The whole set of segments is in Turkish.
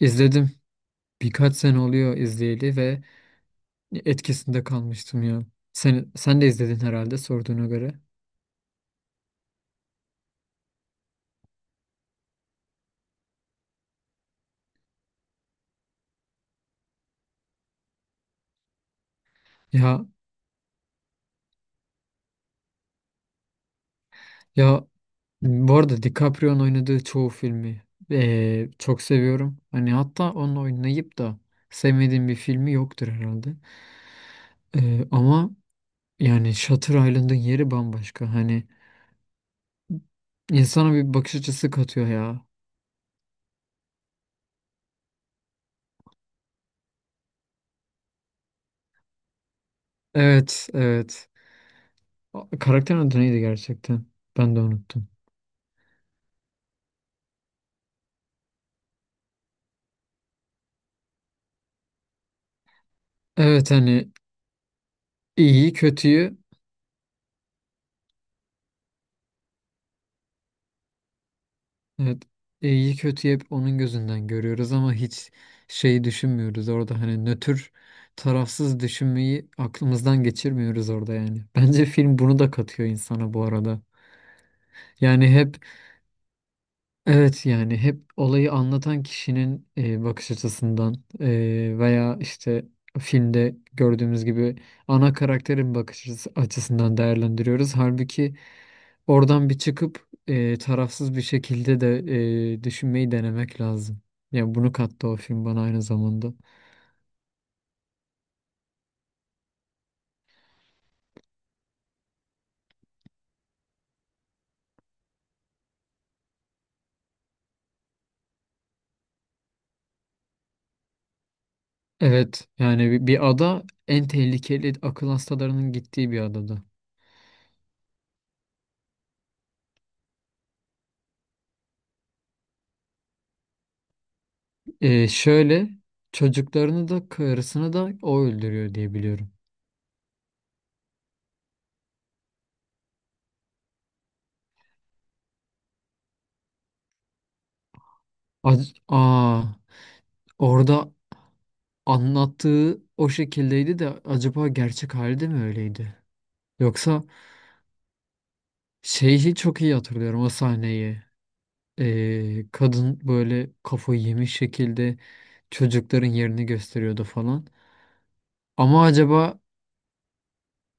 İzledim. Birkaç sene oluyor izleyeli ve etkisinde kalmıştım ya. Sen de izledin herhalde sorduğuna göre. Ya ya, bu arada DiCaprio'nun oynadığı çoğu filmi çok seviyorum. Hani hatta onun oynayıp da sevmediğim bir filmi yoktur herhalde. Ama yani Shutter Island'ın yeri bambaşka. Hani insana bir bakış açısı katıyor ya. Evet, evet. Karakter adı neydi gerçekten? Ben de unuttum. Evet, hani iyi kötüyü. Evet, iyi kötü hep onun gözünden görüyoruz ama hiç şeyi düşünmüyoruz orada, hani nötr, tarafsız düşünmeyi aklımızdan geçirmiyoruz orada yani. Bence film bunu da katıyor insana bu arada. Yani hep. Evet, yani hep olayı anlatan kişinin bakış açısından, veya işte filmde gördüğümüz gibi ana karakterin açısından değerlendiriyoruz. Halbuki oradan bir çıkıp tarafsız bir şekilde de düşünmeyi denemek lazım. Yani bunu kattı o film bana aynı zamanda. Evet, yani bir ada, en tehlikeli akıl hastalarının gittiği bir adada. E, şöyle çocuklarını da karısını da o öldürüyor diye biliyorum. Aa, orada anlattığı o şekildeydi de acaba gerçek hali de mi öyleydi? Yoksa şeyi çok iyi hatırlıyorum, o sahneyi. Kadın böyle kafayı yemiş şekilde çocukların yerini gösteriyordu falan. Ama acaba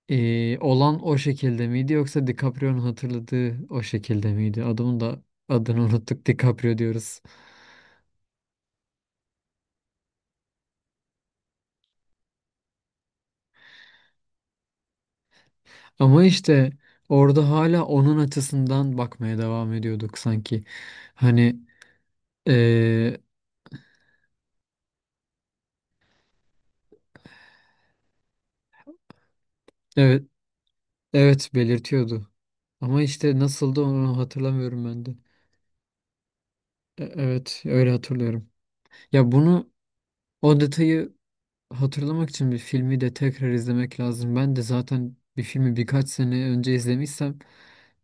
olan o şekilde miydi yoksa DiCaprio'nun hatırladığı o şekilde miydi? Adamın da adını unuttuk, DiCaprio diyoruz. Ama işte orada hala onun açısından bakmaya devam ediyorduk sanki. Hani eee, evet, evet belirtiyordu. Ama işte nasıldı onu hatırlamıyorum ben de. Evet, öyle hatırlıyorum. Ya bunu, o detayı hatırlamak için bir filmi de tekrar izlemek lazım. Ben de zaten bir filmi birkaç sene önce izlemişsem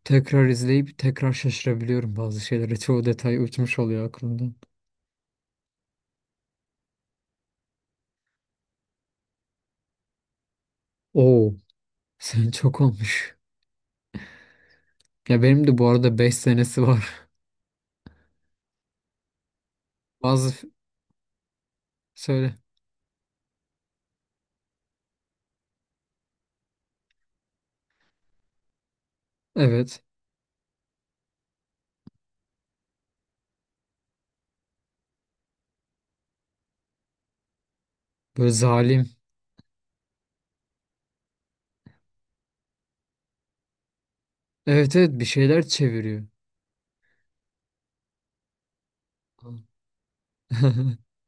tekrar izleyip tekrar şaşırabiliyorum bazı şeylere. Çoğu detay uçmuş oluyor aklımdan. Oo, sen çok olmuş. Ya benim de bu arada 5 senesi var. Bazı f- söyle. Evet. Böyle zalim. Evet, evet, bir şeyler çeviriyor.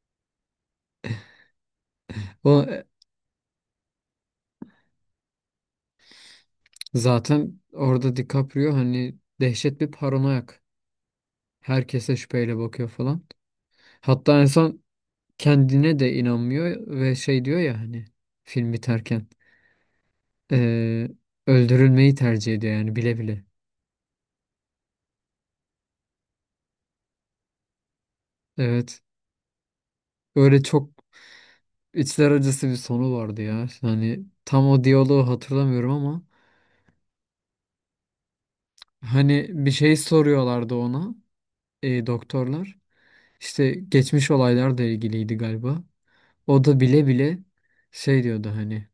O zaten orada DiCaprio hani dehşet bir paranoyak. Herkese şüpheyle bakıyor falan. Hatta insan kendine de inanmıyor ve şey diyor ya, hani film biterken e, öldürülmeyi tercih ediyor yani, bile bile. Evet. Öyle çok içler acısı bir sonu vardı ya. Hani tam o diyaloğu hatırlamıyorum ama hani bir şey soruyorlardı ona. Doktorlar işte, geçmiş olaylarla ilgiliydi galiba. O da bile bile şey diyordu hani,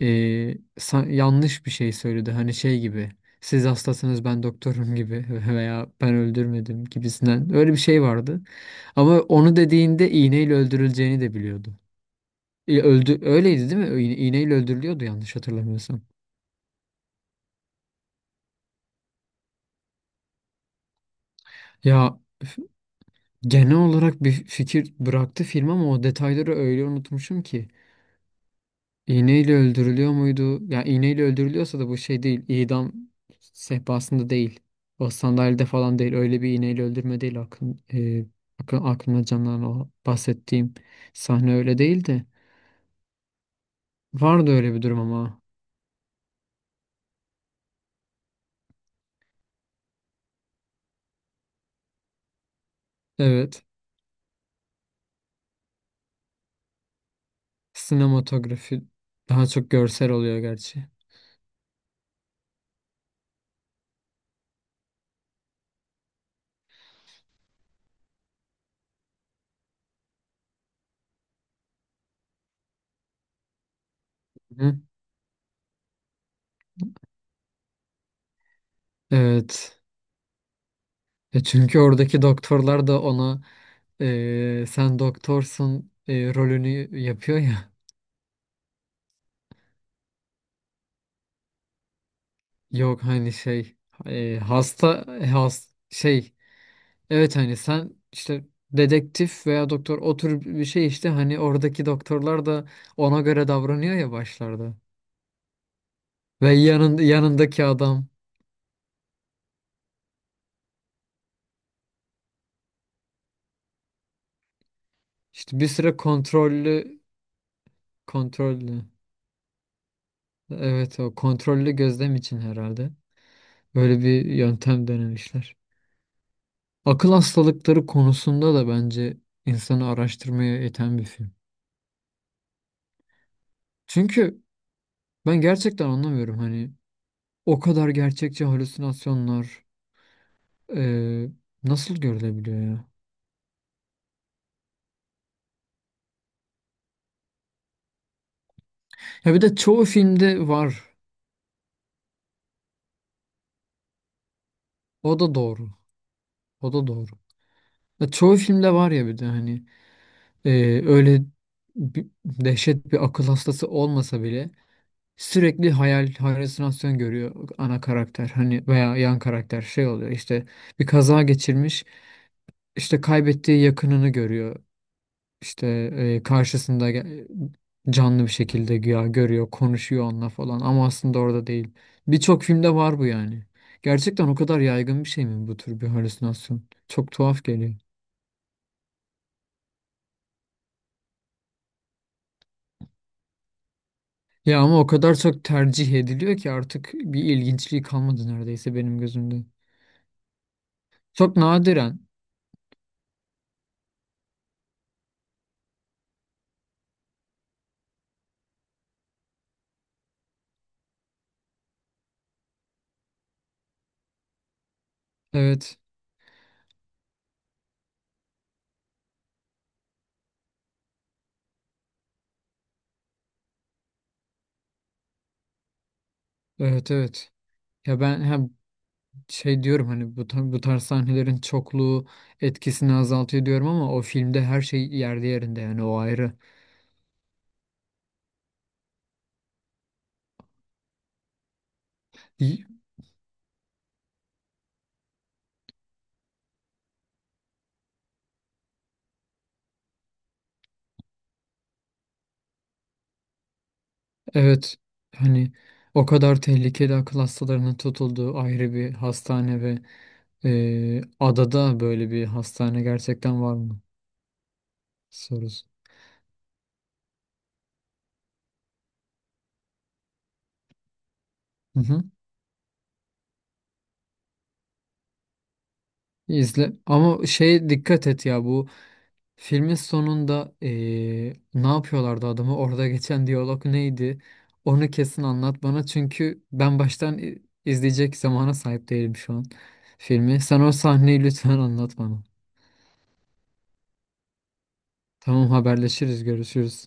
e, yanlış bir şey söyledi, hani şey gibi, siz hastasınız ben doktorum gibi veya ben öldürmedim gibisinden, öyle bir şey vardı. Ama onu dediğinde iğneyle öldürüleceğini de biliyordu. E, öldü, öyleydi değil mi? İğneyle öldürülüyordu yanlış hatırlamıyorsam. Ya f- genel olarak bir fikir bıraktı film ama o detayları öyle unutmuşum ki. İğneyle öldürülüyor muydu? Yani iğneyle öldürülüyorsa da bu şey değil. İdam sehpasında değil. O sandalyede falan değil. Öyle bir iğneyle öldürme değil. Aklımda canlanan o bahsettiğim sahne öyle değil de. Vardı öyle bir durum ama. Evet. Sinematografi daha çok görsel oluyor gerçi. Hı? Evet. E çünkü oradaki doktorlar da ona sen doktorsun, rolünü yapıyor ya. Yok hani şey, hasta, e, has şey, evet hani sen işte dedektif veya doktor, o tür bir şey işte, hani oradaki doktorlar da ona göre davranıyor ya başlarda. Ve yanındaki adam işte bir süre kontrollü, evet o kontrollü gözlem için herhalde böyle bir yöntem denemişler. Akıl hastalıkları konusunda da bence insanı araştırmaya iten bir film. Çünkü ben gerçekten anlamıyorum, hani o kadar gerçekçi halüsinasyonlar eee, nasıl görülebiliyor ya? Ya bir de çoğu filmde var. O da doğru. O da doğru. Ya çoğu filmde var ya, bir de hani öyle dehşet bir akıl hastası olmasa bile sürekli hayal, halüsinasyon görüyor ana karakter, hani veya yan karakter şey oluyor işte, bir kaza geçirmiş işte, kaybettiği yakınını görüyor. İşte karşısında canlı bir şekilde güya görüyor, konuşuyor onunla falan ama aslında orada değil. Birçok filmde var bu yani. Gerçekten o kadar yaygın bir şey mi bu tür bir halüsinasyon? Çok tuhaf geliyor. Ya ama o kadar çok tercih ediliyor ki artık bir ilginçliği kalmadı neredeyse benim gözümde. Çok nadiren. Evet. Evet, evet. Ya ben hem şey diyorum, hani bu tarz sahnelerin çokluğu etkisini azaltıyor diyorum ama o filmde her şey yerli yerinde, yani o ayrı. Evet, hani o kadar tehlikeli akıl hastalarının tutulduğu ayrı bir hastane ve adada böyle bir hastane gerçekten var mı sorusu. Hı hı. İzle ama şey dikkat et ya, bu filmin sonunda ne yapıyorlardı adamı, orada geçen diyalog neydi? Onu kesin anlat bana çünkü ben baştan izleyecek zamana sahip değilim şu an filmi. Sen o sahneyi lütfen anlat bana. Tamam, haberleşiriz, görüşürüz.